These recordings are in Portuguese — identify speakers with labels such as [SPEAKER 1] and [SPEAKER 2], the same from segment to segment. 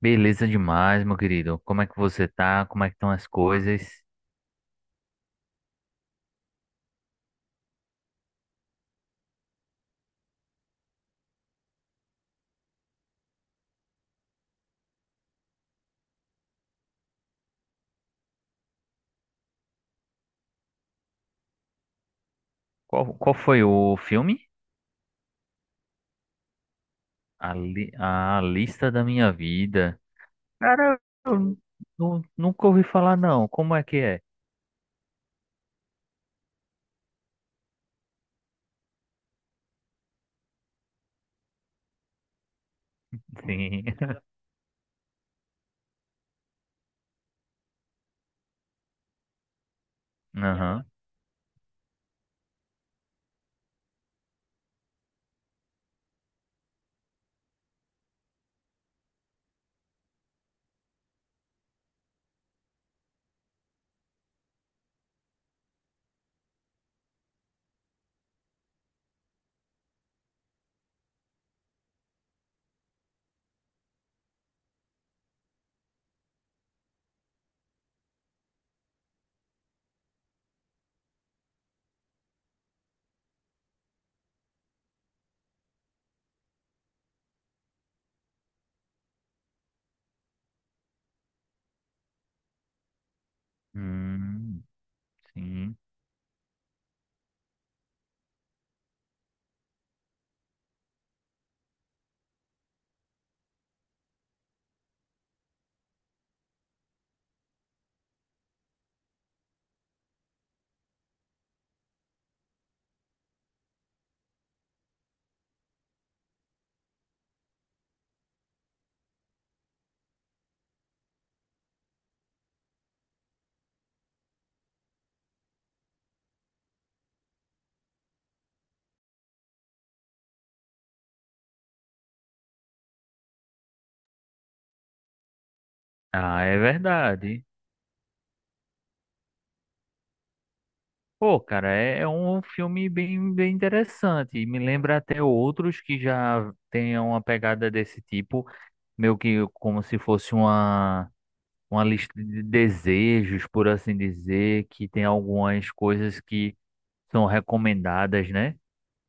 [SPEAKER 1] Beleza demais, meu querido. Como é que você tá? Como é que estão as coisas? Qual foi o filme? A Lista da Minha Vida. Cara, eu nunca ouvi falar, não. Como é que é? Sim. Aham. Hum, sim. Ah, é verdade. Pô, cara, é um filme bem, bem interessante. Me lembra até outros que já tenham uma pegada desse tipo, meio que como se fosse uma lista de desejos, por assim dizer, que tem algumas coisas que são recomendadas, né?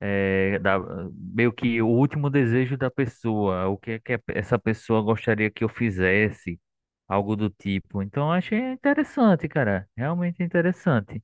[SPEAKER 1] É. Meio que o último desejo da pessoa, o que é que essa pessoa gostaria que eu fizesse, algo do tipo. Então, eu achei interessante, cara, realmente interessante.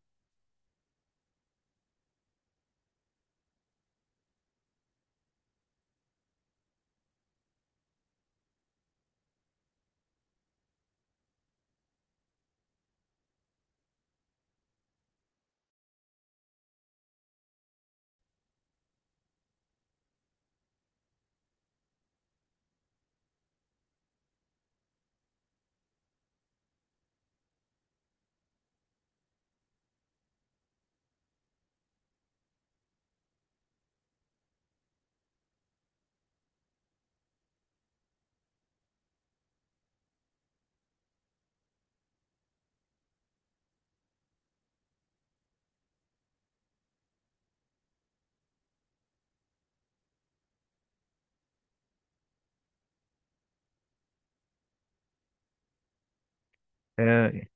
[SPEAKER 1] É.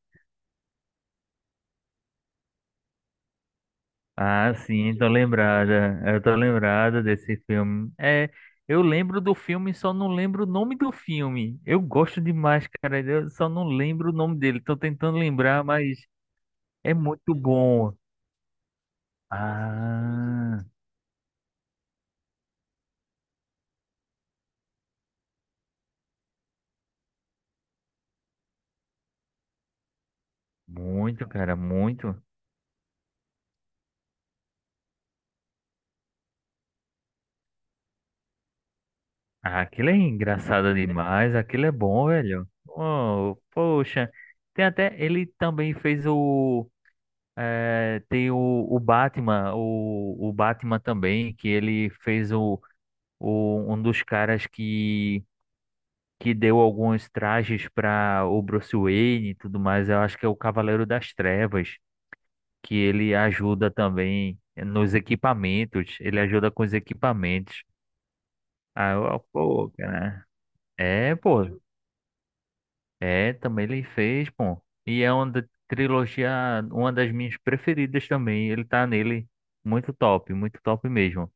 [SPEAKER 1] Ah, sim, tô lembrada. Eu tô lembrada desse filme. É, eu lembro do filme, só não lembro o nome do filme. Eu gosto demais, cara. Eu só não lembro o nome dele. Tô tentando lembrar, mas é muito bom. Ah, muito, cara, muito. Ah, aquilo é engraçado demais. Aquilo é bom, velho. Oh, poxa. Tem até. Ele também fez o. É, tem o Batman, o Batman também, que ele fez o. Um dos caras que deu alguns trajes para o Bruce Wayne e tudo mais, eu acho que é o Cavaleiro das Trevas, que ele ajuda também nos equipamentos, ele ajuda com os equipamentos. Ah, pô, cara. É, pô. É, também ele fez, pô. E é uma trilogia, uma das minhas preferidas também. Ele tá nele. Muito top mesmo.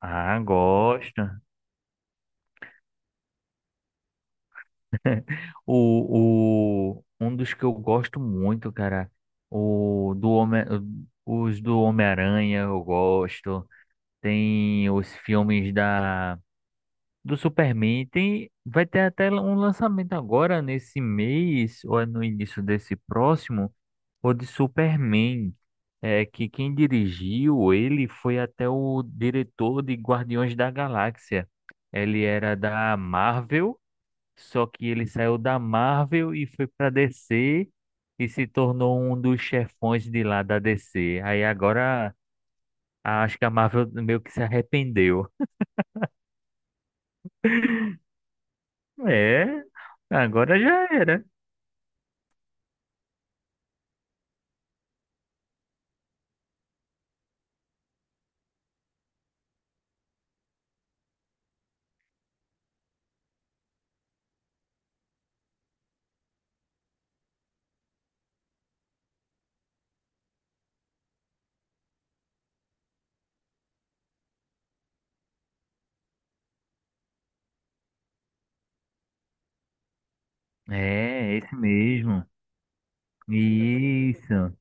[SPEAKER 1] Ah, gosto. Um dos que eu gosto muito, cara, o do Homem, os do Homem-Aranha eu gosto. Tem os filmes da do Superman. Tem, vai ter até um lançamento agora nesse mês ou é no início desse próximo, o de Superman. É que quem dirigiu ele foi até o diretor de Guardiões da Galáxia. Ele era da Marvel. Só que ele saiu da Marvel e foi pra DC e se tornou um dos chefões de lá da DC. Aí agora acho que a Marvel meio que se arrependeu. É, agora já era. É, esse mesmo. Isso.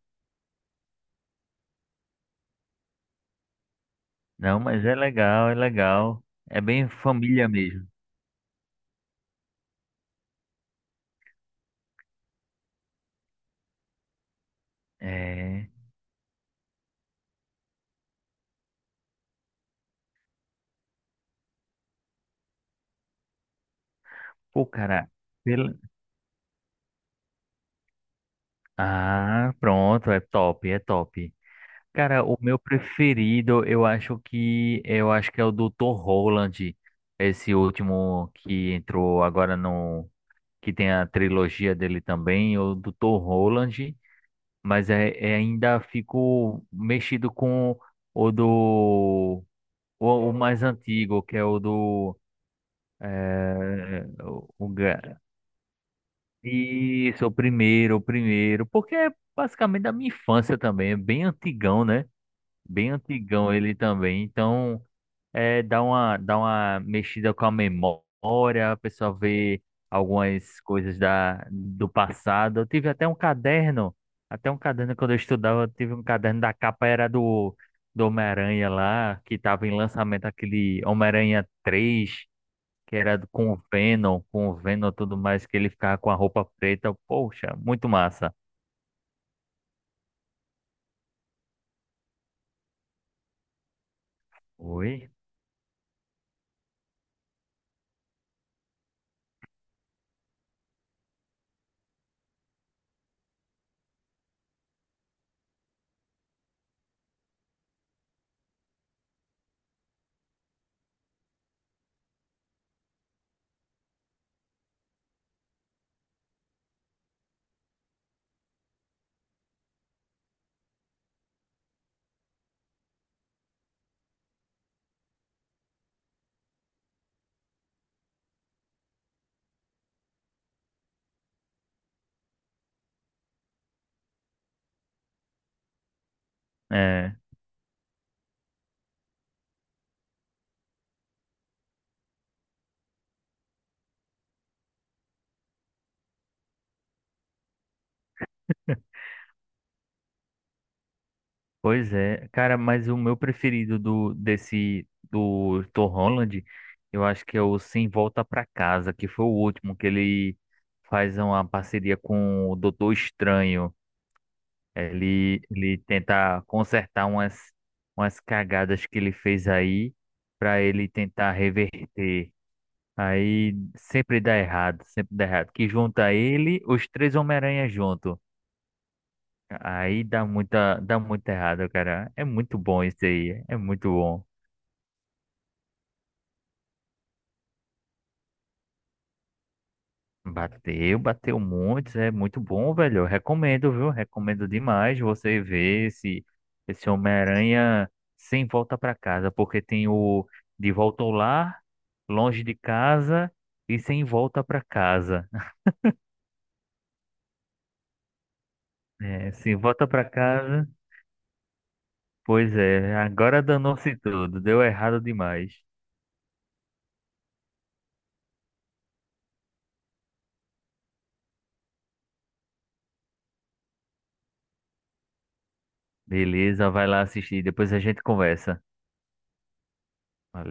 [SPEAKER 1] Não, mas é legal, é legal. É bem família mesmo. É. Pô, cara, pela. Ah, pronto, é top, é top. Cara, o meu preferido, eu acho que é o Dr. Roland, esse último que entrou agora no que tem a trilogia dele também, o Dr. Roland, mas é ainda fico mexido com o do o mais antigo, que é o do é, o ga- isso, o primeiro, porque é basicamente da minha infância também, é bem antigão, né? Bem antigão ele também, então é, dá uma mexida com a memória, a pessoa vê algumas coisas do passado. Eu tive até um caderno quando eu estudava, eu tive um caderno da capa era do Homem-Aranha lá, que estava em lançamento aquele Homem-Aranha 3 que era com o Venom e tudo mais, que ele ficava com a roupa preta. Poxa, muito massa. Oi? Pois é, cara, mas o meu preferido do Tom Holland, eu acho que é o Sem Volta Pra Casa, que foi o último que ele faz uma parceria com o Doutor Estranho. Ele tenta consertar umas cagadas que ele fez aí pra ele tentar reverter. Aí sempre dá errado, sempre dá errado. Que junta ele, os três Homem-Aranha junto. Aí dá muito errado, cara. É muito bom isso aí. É muito bom. Bateu, bateu muitos. É muito bom, velho. Eu recomendo, viu? Recomendo demais você ver esse Homem-Aranha sem volta pra casa. Porque tem o De Volta ao Lar, Longe de Casa e Sem Volta pra Casa. É, sem volta pra casa. Pois é, agora danou-se tudo. Deu errado demais. Beleza, vai lá assistir. Depois a gente conversa.